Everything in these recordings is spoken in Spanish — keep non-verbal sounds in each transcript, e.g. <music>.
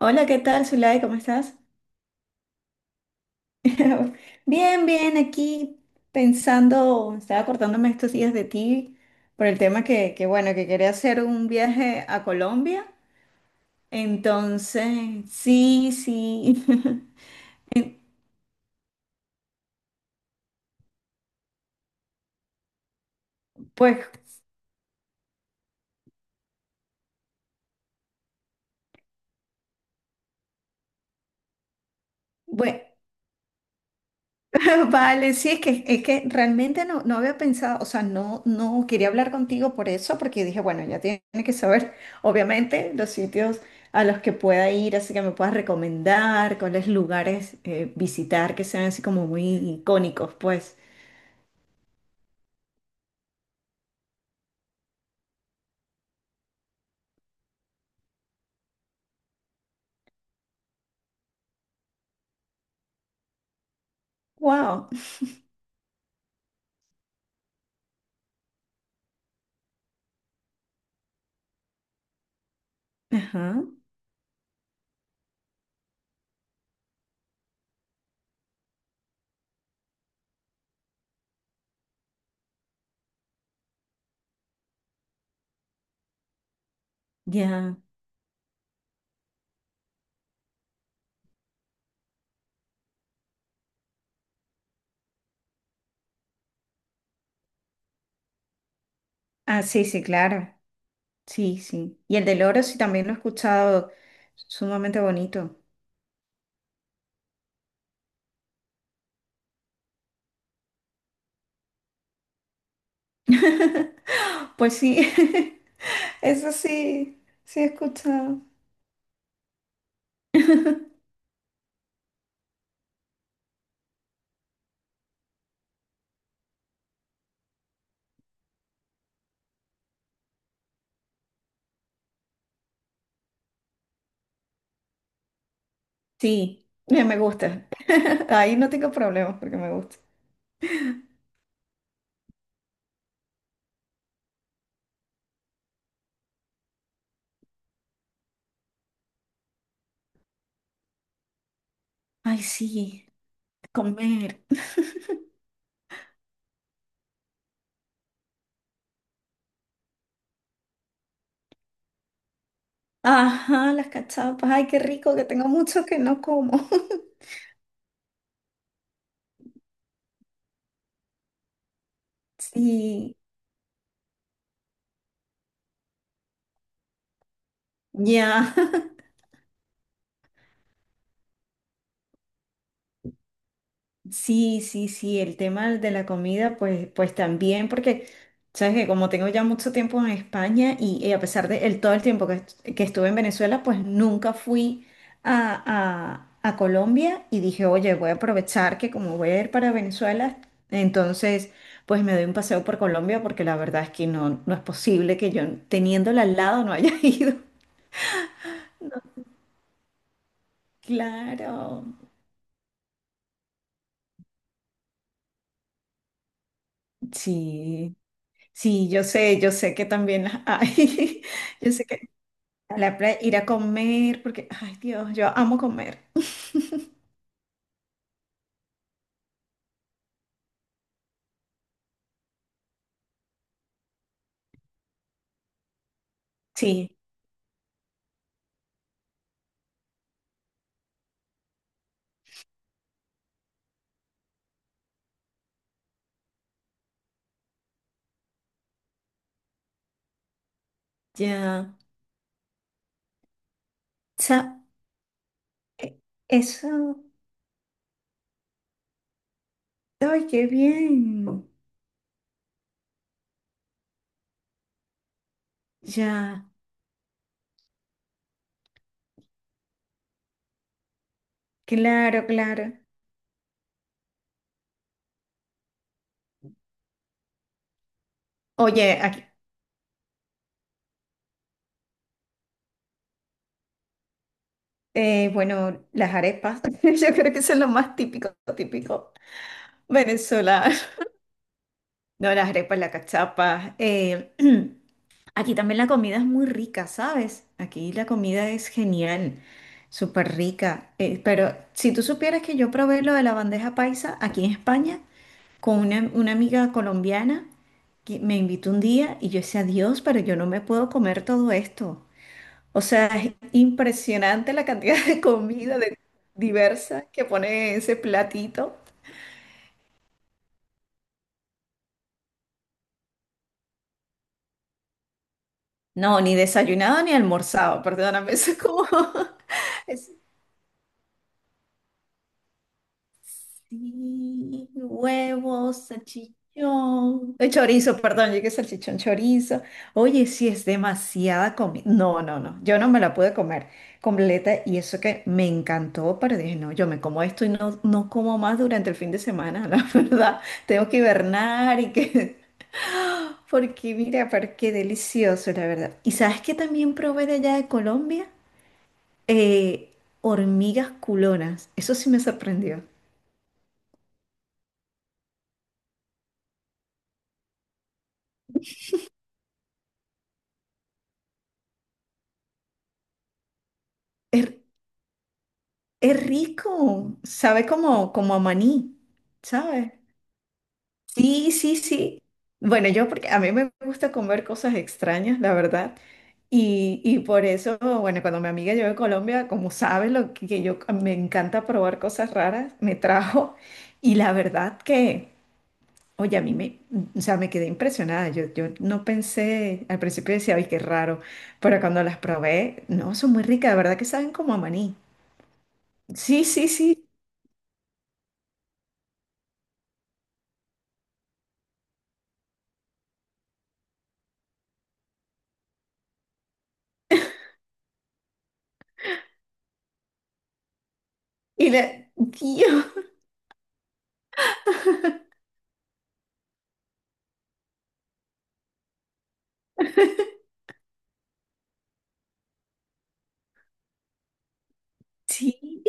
Hola, ¿qué tal, Zulay? ¿Cómo estás? <laughs> Bien, bien, aquí pensando, estaba acordándome estos días de ti por el tema bueno, que quería hacer un viaje a Colombia. Entonces, sí, sí. <laughs> Pues, bueno. <laughs> Vale, sí, es que realmente no, no había pensado, o sea, no, no quería hablar contigo por eso, porque dije, bueno, ya tiene que saber, obviamente, los sitios a los que pueda ir, así que me puedas recomendar cuáles lugares visitar que sean así como muy icónicos, pues. Wow. Ajá, ya. Ah, sí, sí, claro. Sí, sí. Y el del oro sí también lo he escuchado, sumamente bonito. <laughs> Pues sí, <laughs> eso sí, sí he escuchado. Sí, me gusta. <laughs> Ahí no tengo problemas porque me gusta. Ay, sí, comer. Ajá, las cachapas. Ay, qué rico, que tengo mucho que no como. <laughs> Sí, ya. Sí, sí, sí, el tema de la comida, pues, pues también, porque sabes que como tengo ya mucho tiempo en España y a pesar de el, todo el tiempo que estuve en Venezuela, pues nunca fui a Colombia y dije, oye, voy a aprovechar que como voy a ir para Venezuela, entonces, pues me doy un paseo por Colombia, porque la verdad es que no, no es posible que yo, teniéndola al lado, no haya <laughs> ido. Claro, sí, sí, yo sé que también las hay. <laughs> Yo sé que a la playa, ir a comer, porque, ay Dios, yo amo comer. Sí, ya. Sa- e- Eso, ay, qué bien. Ya, claro, claro. Oye, aquí, bueno, las arepas, <laughs> yo creo que son lo más típico, típico venezolano. No, las arepas, las cachapas. <clears throat> Aquí también la comida es muy rica, ¿sabes? Aquí la comida es genial, súper rica. Pero si tú supieras que yo probé lo de la bandeja paisa aquí en España con una amiga colombiana que me invitó un día y yo decía, Dios, pero yo no me puedo comer todo esto. O sea, es impresionante la cantidad de diversa que pone ese platito. No, ni desayunado ni almorzado, perdóname, <laughs> eso es como… <laughs> Sí, huevos, salchichón, chorizo, perdón, llegué salchichón, chorizo. Oye, sí es demasiada comida. No, no, no, yo no me la pude comer completa y eso que me encantó, pero dije, no, yo me como esto y no, no como más durante el fin de semana, <laughs> la verdad. Tengo que hibernar y que… <laughs> Porque mira, pero qué delicioso, la verdad. ¿Y sabes qué también probé de allá de Colombia? Eh, hormigas culonas. Eso sí me sorprendió. Es Es rico, sabe como, como a maní, ¿sabes? Sí, sí, sí. Bueno, yo porque a mí me gusta comer cosas extrañas, la verdad. Y por eso, bueno, cuando mi amiga llegó a Colombia, como sabe lo que yo me encanta probar cosas raras, me trajo. Y la verdad que, oye, a mí me, o sea, me quedé impresionada. Yo no pensé, al principio decía, ay, qué raro. Pero cuando las probé, no, son muy ricas, de verdad que saben como a maní. Sí, sí, sí. Y le, Dios, sí,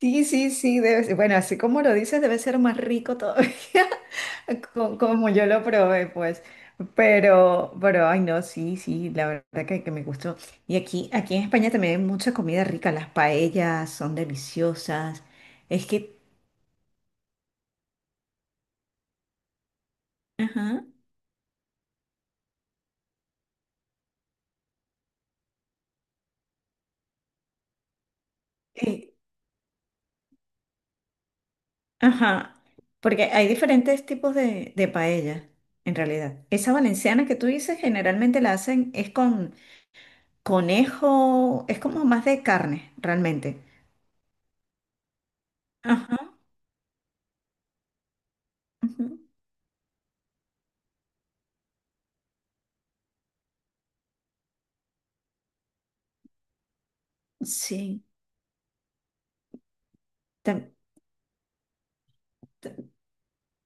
sí, sí, sí, debe ser. Bueno, así como lo dices, debe ser más rico todavía, <laughs> como yo lo probé, pues. Pero, ay, no, sí, sí, la verdad que me gustó. Y aquí, aquí en España también hay mucha comida rica, las paellas son deliciosas. Es que, ajá, eh, ajá, porque hay diferentes tipos de paella, en realidad. Esa valenciana que tú dices, generalmente la hacen, es con conejo, es como más de carne, realmente. Ajá. Ujú. Sí. tam- tam-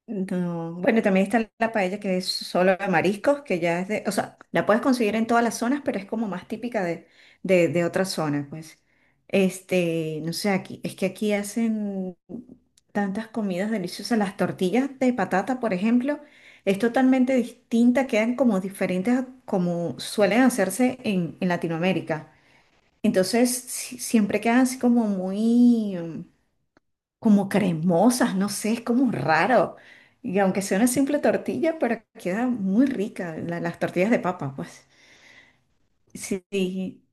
no, bueno, también está la paella que es solo de mariscos, que ya es de, o sea, la puedes conseguir en todas las zonas, pero es como más típica de otras zonas, pues. Este, no sé, aquí, es que aquí hacen tantas comidas deliciosas. Las tortillas de patata, por ejemplo, es totalmente distinta, quedan como diferentes a como suelen hacerse en Latinoamérica. Entonces siempre quedan así como muy, como cremosas, no sé, es como raro. Y aunque sea una simple tortilla, pero queda muy rica las tortillas de papa, pues. Sí, sí.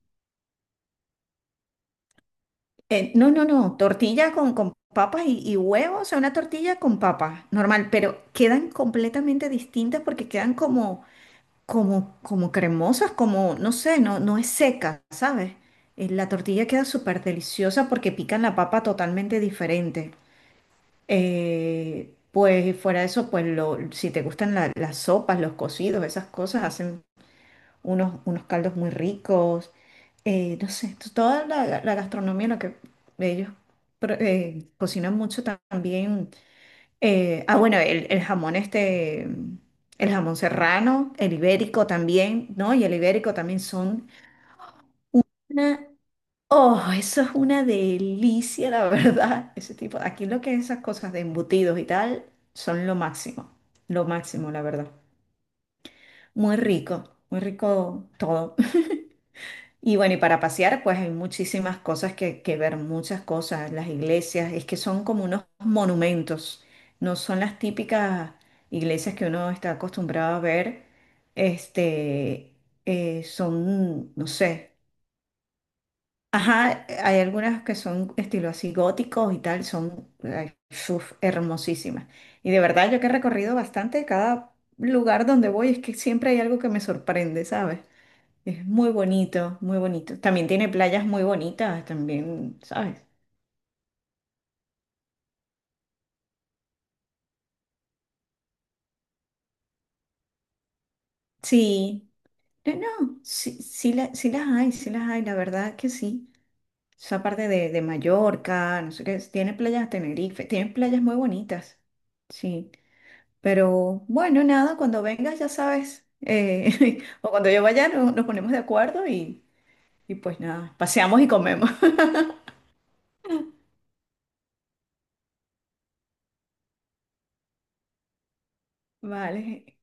No, no, no, tortilla con papas y huevos, o sea, una tortilla con papas, normal, pero quedan completamente distintas porque quedan como, como, como cremosas, como, no sé, no, no es seca, ¿sabes? La tortilla queda súper deliciosa porque pican la papa totalmente diferente. Pues fuera de eso, pues lo, si te gustan las sopas, los cocidos, esas cosas, hacen unos, unos caldos muy ricos. No sé, toda la, la gastronomía, lo que ellos cocinan mucho también. Bueno, el jamón este, el jamón serrano, el ibérico también, ¿no? Y el ibérico también son… Oh, eso es una delicia, la verdad. Ese tipo, aquí lo que es esas cosas de embutidos y tal, son lo máximo, la verdad. Muy rico, muy rico todo. <laughs> Y bueno, y para pasear, pues hay muchísimas cosas que ver, muchas cosas. Las iglesias, es que son como unos monumentos, no son las típicas iglesias que uno está acostumbrado a ver. Este, son, no sé. Ajá, hay algunas que son estilo así góticos y tal, son ay, uf, hermosísimas. Y de verdad, yo que he recorrido bastante, cada lugar donde voy es que siempre hay algo que me sorprende, ¿sabes? Es muy bonito, muy bonito. También tiene playas muy bonitas, también, ¿sabes? Sí, no, no, sí, sí, sí las hay, la verdad que sí. Esa parte de Mallorca, no sé qué, tiene playas de Tenerife, tiene playas muy bonitas, sí. Pero bueno, nada, cuando vengas ya sabes, <laughs> o cuando yo vaya nos ponemos de acuerdo y pues nada, paseamos y comemos. <laughs> Vale,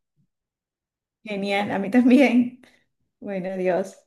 genial, a mí también. Bueno, adiós.